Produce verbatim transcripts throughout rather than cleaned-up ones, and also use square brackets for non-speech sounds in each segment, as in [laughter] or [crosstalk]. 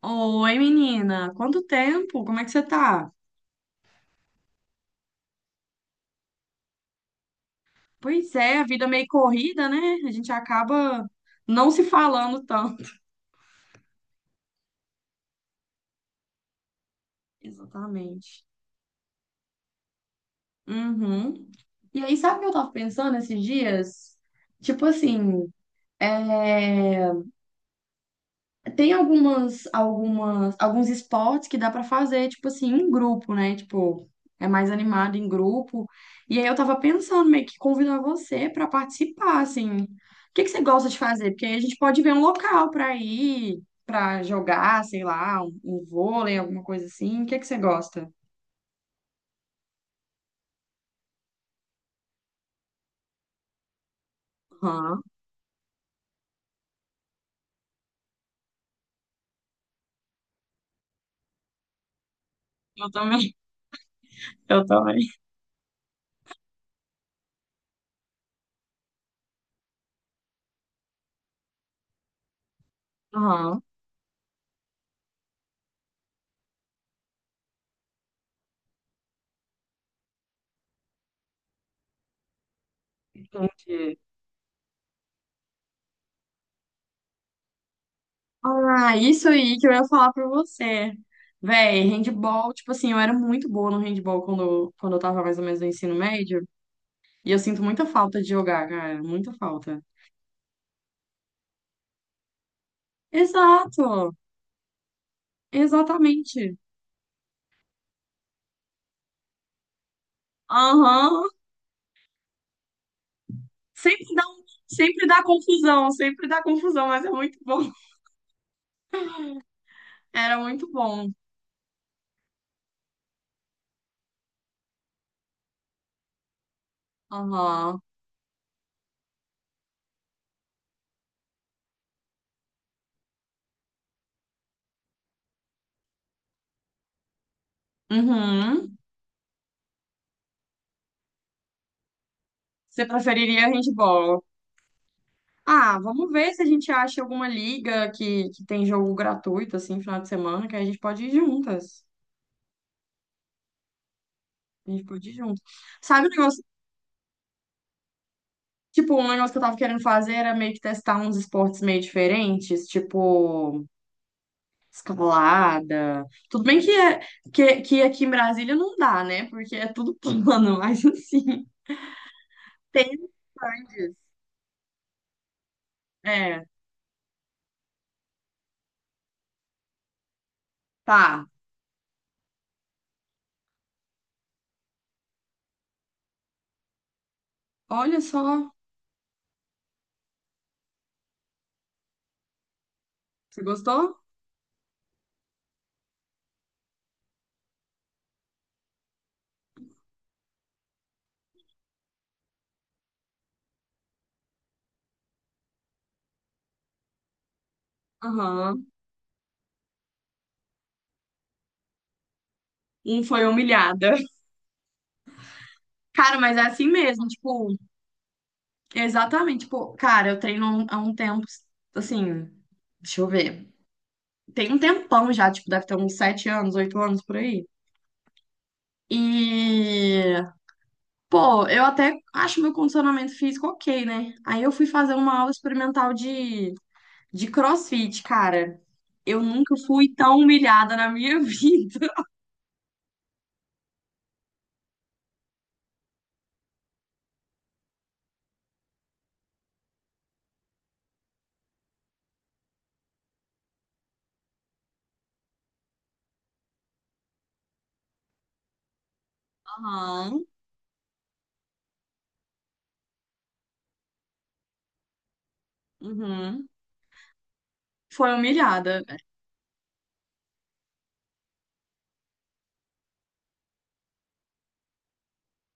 Oi, menina, quanto tempo? Como é que você tá? Pois é, a vida é meio corrida, né? A gente acaba não se falando tanto. [laughs] Exatamente. Uhum. E aí, sabe o que eu tava pensando esses dias? Tipo assim, é... Tem algumas, algumas, alguns esportes que dá pra fazer, tipo assim, em grupo, né? Tipo, é mais animado em grupo. E aí eu tava pensando meio que convidar você pra participar, assim. O que que você gosta de fazer? Porque aí a gente pode ver um local pra ir, pra jogar, sei lá, um, um vôlei, alguma coisa assim. O que que você gosta? Aham, eu também, eu também. Aham, entendi. Ah, isso aí que eu ia falar pra você. Véi, handball, tipo assim, eu era muito boa no handball quando, eu- quando eu tava mais ou menos no ensino médio. E eu sinto muita falta de jogar, cara. Muita falta. Exato! Exatamente. Aham. Sempre dá, um- sempre dá confusão, sempre dá confusão, mas é muito bom. [laughs] Era muito bom. Aham. Uhum. Você preferiria handball? Ah, vamos ver se a gente acha alguma liga que, que tem jogo gratuito, assim, final de semana, que aí a gente pode ir juntas. A gente pode ir junto. Sabe o negócio? Tipo, um negócio que eu tava querendo fazer era meio que testar uns esportes meio diferentes, tipo escalada. Tudo bem que, é, que, que aqui em Brasília não dá, né? Porque é tudo plano, [laughs] mas assim, tem Andes. É, tá. Olha só. Você gostou? Aham. Um foi humilhada. [laughs] Cara, mas é assim mesmo. Tipo, exatamente, tipo, cara, eu treino há um há um tempo, assim, deixa eu ver. Tem um tempão já, tipo, deve ter uns sete anos, oito anos por aí. E, pô, eu até acho meu condicionamento físico ok, né? Aí eu fui fazer uma aula experimental de, de CrossFit, cara. Eu nunca fui tão humilhada na minha [laughs] vida. Aham, uhum. Foi humilhada.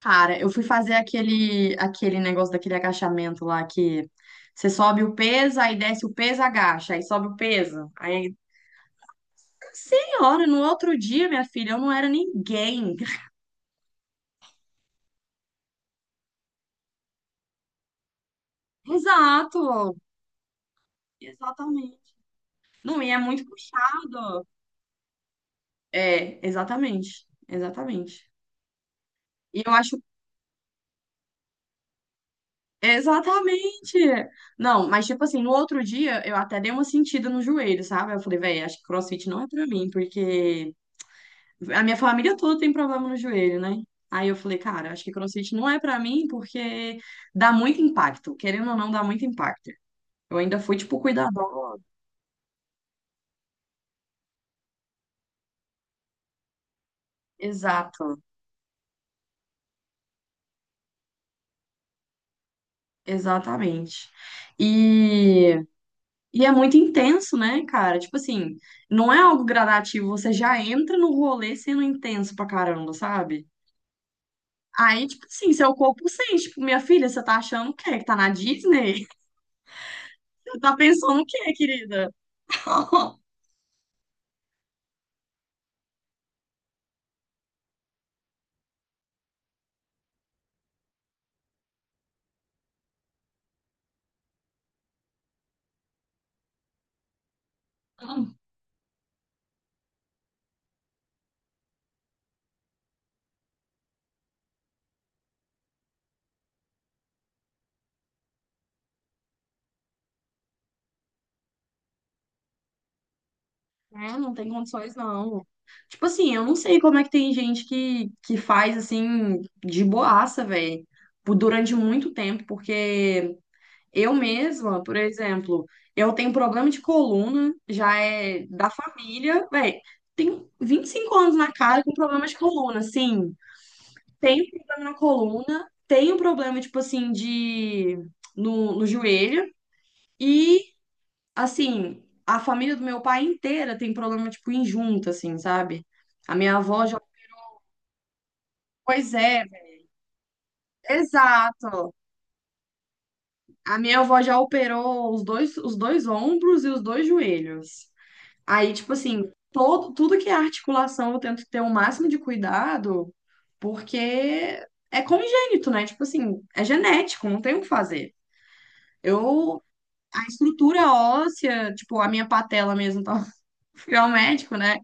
Cara, eu fui fazer aquele, aquele negócio daquele agachamento lá que você sobe o peso, aí desce o peso, agacha, aí sobe o peso. Aí, senhora, no outro dia, minha filha, eu não era ninguém. [laughs] Exato, exatamente. Não, e é muito puxado. É, exatamente, exatamente. E eu acho, exatamente. Não, mas tipo assim, no outro dia eu até dei uma sentida no joelho, sabe? Eu falei, velho, acho que CrossFit não é pra mim, porque a minha família toda tem problema no joelho, né? Aí eu falei, cara, acho que CrossFit não é pra mim porque dá muito impacto. Querendo ou não, dá muito impacto. Eu ainda fui, tipo, cuidador. Exato, exatamente. E, e é muito intenso, né, cara? Tipo assim, não é algo gradativo. Você já entra no rolê sendo intenso pra caramba, sabe? Aí, tipo assim, seu corpo sente, tipo, minha filha, você tá achando o quê? Que tá na Disney? [laughs] Você tá pensando o quê, querida? [laughs] Né, não tem condições, não. Tipo assim, eu não sei como é que tem gente que, que faz assim, de boaça, velho, durante muito tempo, porque eu mesma, por exemplo, eu tenho problema de coluna, já é da família, velho, tenho vinte e cinco anos na cara com problema de coluna, assim, tenho problema na coluna, tenho problema, tipo assim, de. No, no joelho. E assim, a família do meu pai inteira tem problema, tipo, em junta, assim, sabe? A minha avó já. Pois é, exato. A minha avó já operou os dois, os dois ombros e os dois joelhos. Aí, tipo assim, todo, tudo que é articulação eu tento ter o máximo de cuidado, porque é congênito, né? Tipo assim, é genético, não tem o que fazer. Eu. A estrutura óssea, tipo, a minha patela mesmo, tá? [laughs] Fui ao médico, né?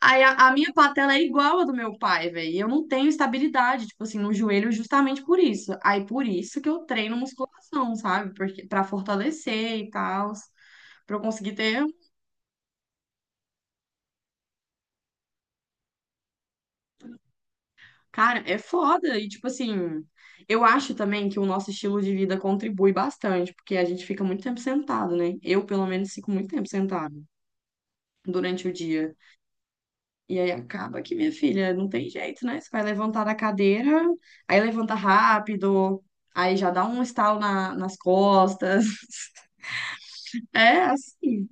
Aí a, a minha patela é igual à do meu pai, velho. E eu não tenho estabilidade, tipo assim, no joelho justamente por isso. Aí por isso que eu treino musculação, sabe? Porque para fortalecer e tal, para eu conseguir ter, cara, é foda. E tipo assim, eu acho também que o nosso estilo de vida contribui bastante, porque a gente fica muito tempo sentado, né? Eu, pelo menos, fico muito tempo sentado durante o dia. E aí acaba que, minha filha, não tem jeito, né? Você vai levantar da cadeira, aí levanta rápido, aí já dá um estalo na- nas costas. [laughs] É assim.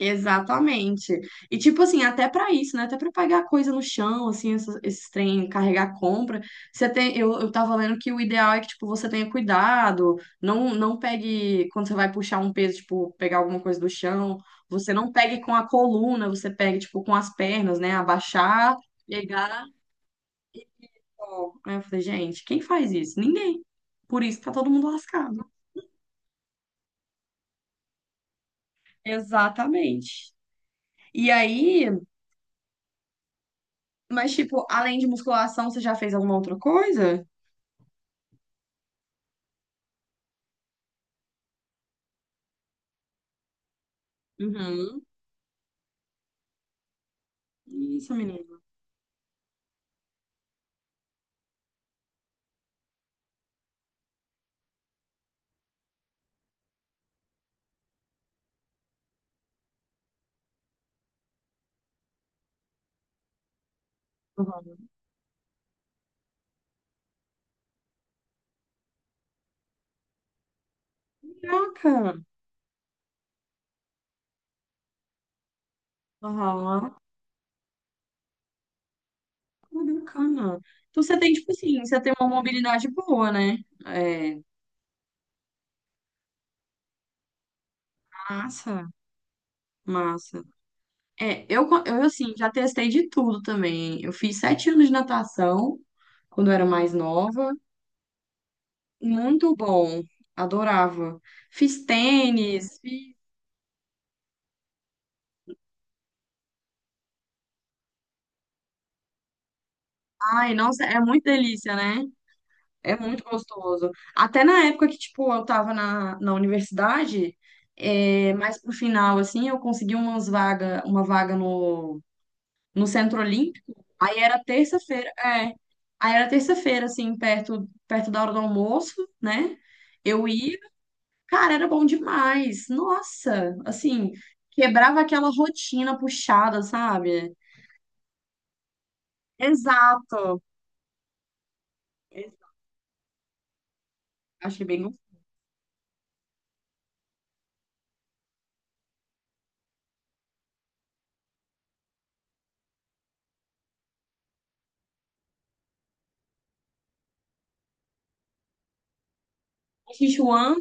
Exatamente. E tipo assim, até pra isso, né? Até pra pegar coisa no chão, assim, esses, esses trem, carregar compra. Você tem, eu, eu tava lendo que o ideal é que tipo você tenha cuidado, não não pegue quando você vai puxar um peso, tipo, pegar alguma coisa do chão, você não pegue com a coluna, você pegue tipo com as pernas, né? Abaixar, pegar. Aí eu falei, gente, quem faz isso? Ninguém. Por isso que tá todo mundo lascado. Exatamente. E aí, mas tipo, além de musculação, você já fez alguma outra coisa? Uhum. Isso, menino. Uhum. Caraca. Aham. Que bacana. Então você tem, tipo assim, você tem uma mobilidade boa, né? É, massa, massa. É, eu, co- eu, assim, já testei de tudo também. Eu fiz sete anos de natação quando eu era mais nova. Muito bom, adorava. Fiz tênis, fiz... Ai, nossa, é muito delícia, né? É muito gostoso. Até na época que, tipo, eu tava na, na universidade, é, mais pro final, assim, eu consegui umas vaga, uma vaga no, no, Centro Olímpico. Aí era terça-feira, é. Aí era terça-feira, assim, perto, perto da hora do almoço, né? Eu ia, cara, era bom demais. Nossa, assim, quebrava aquela rotina puxada, sabe? Exato. Ex- Achei bem gostoso. Sichuan?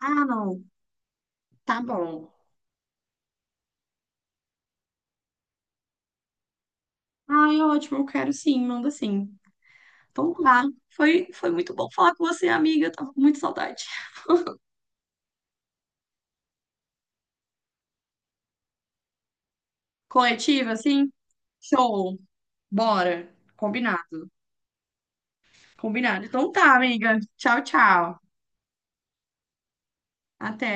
Ah, não. Tá bom. Ai, ótimo, eu quero sim, manda sim. Então tá. Foi, foi muito bom falar com você, amiga. Eu tava com muita saudade. Coletiva, assim. Show. Bora. Combinado. Combinado. Então tá, amiga. Tchau, tchau. Até.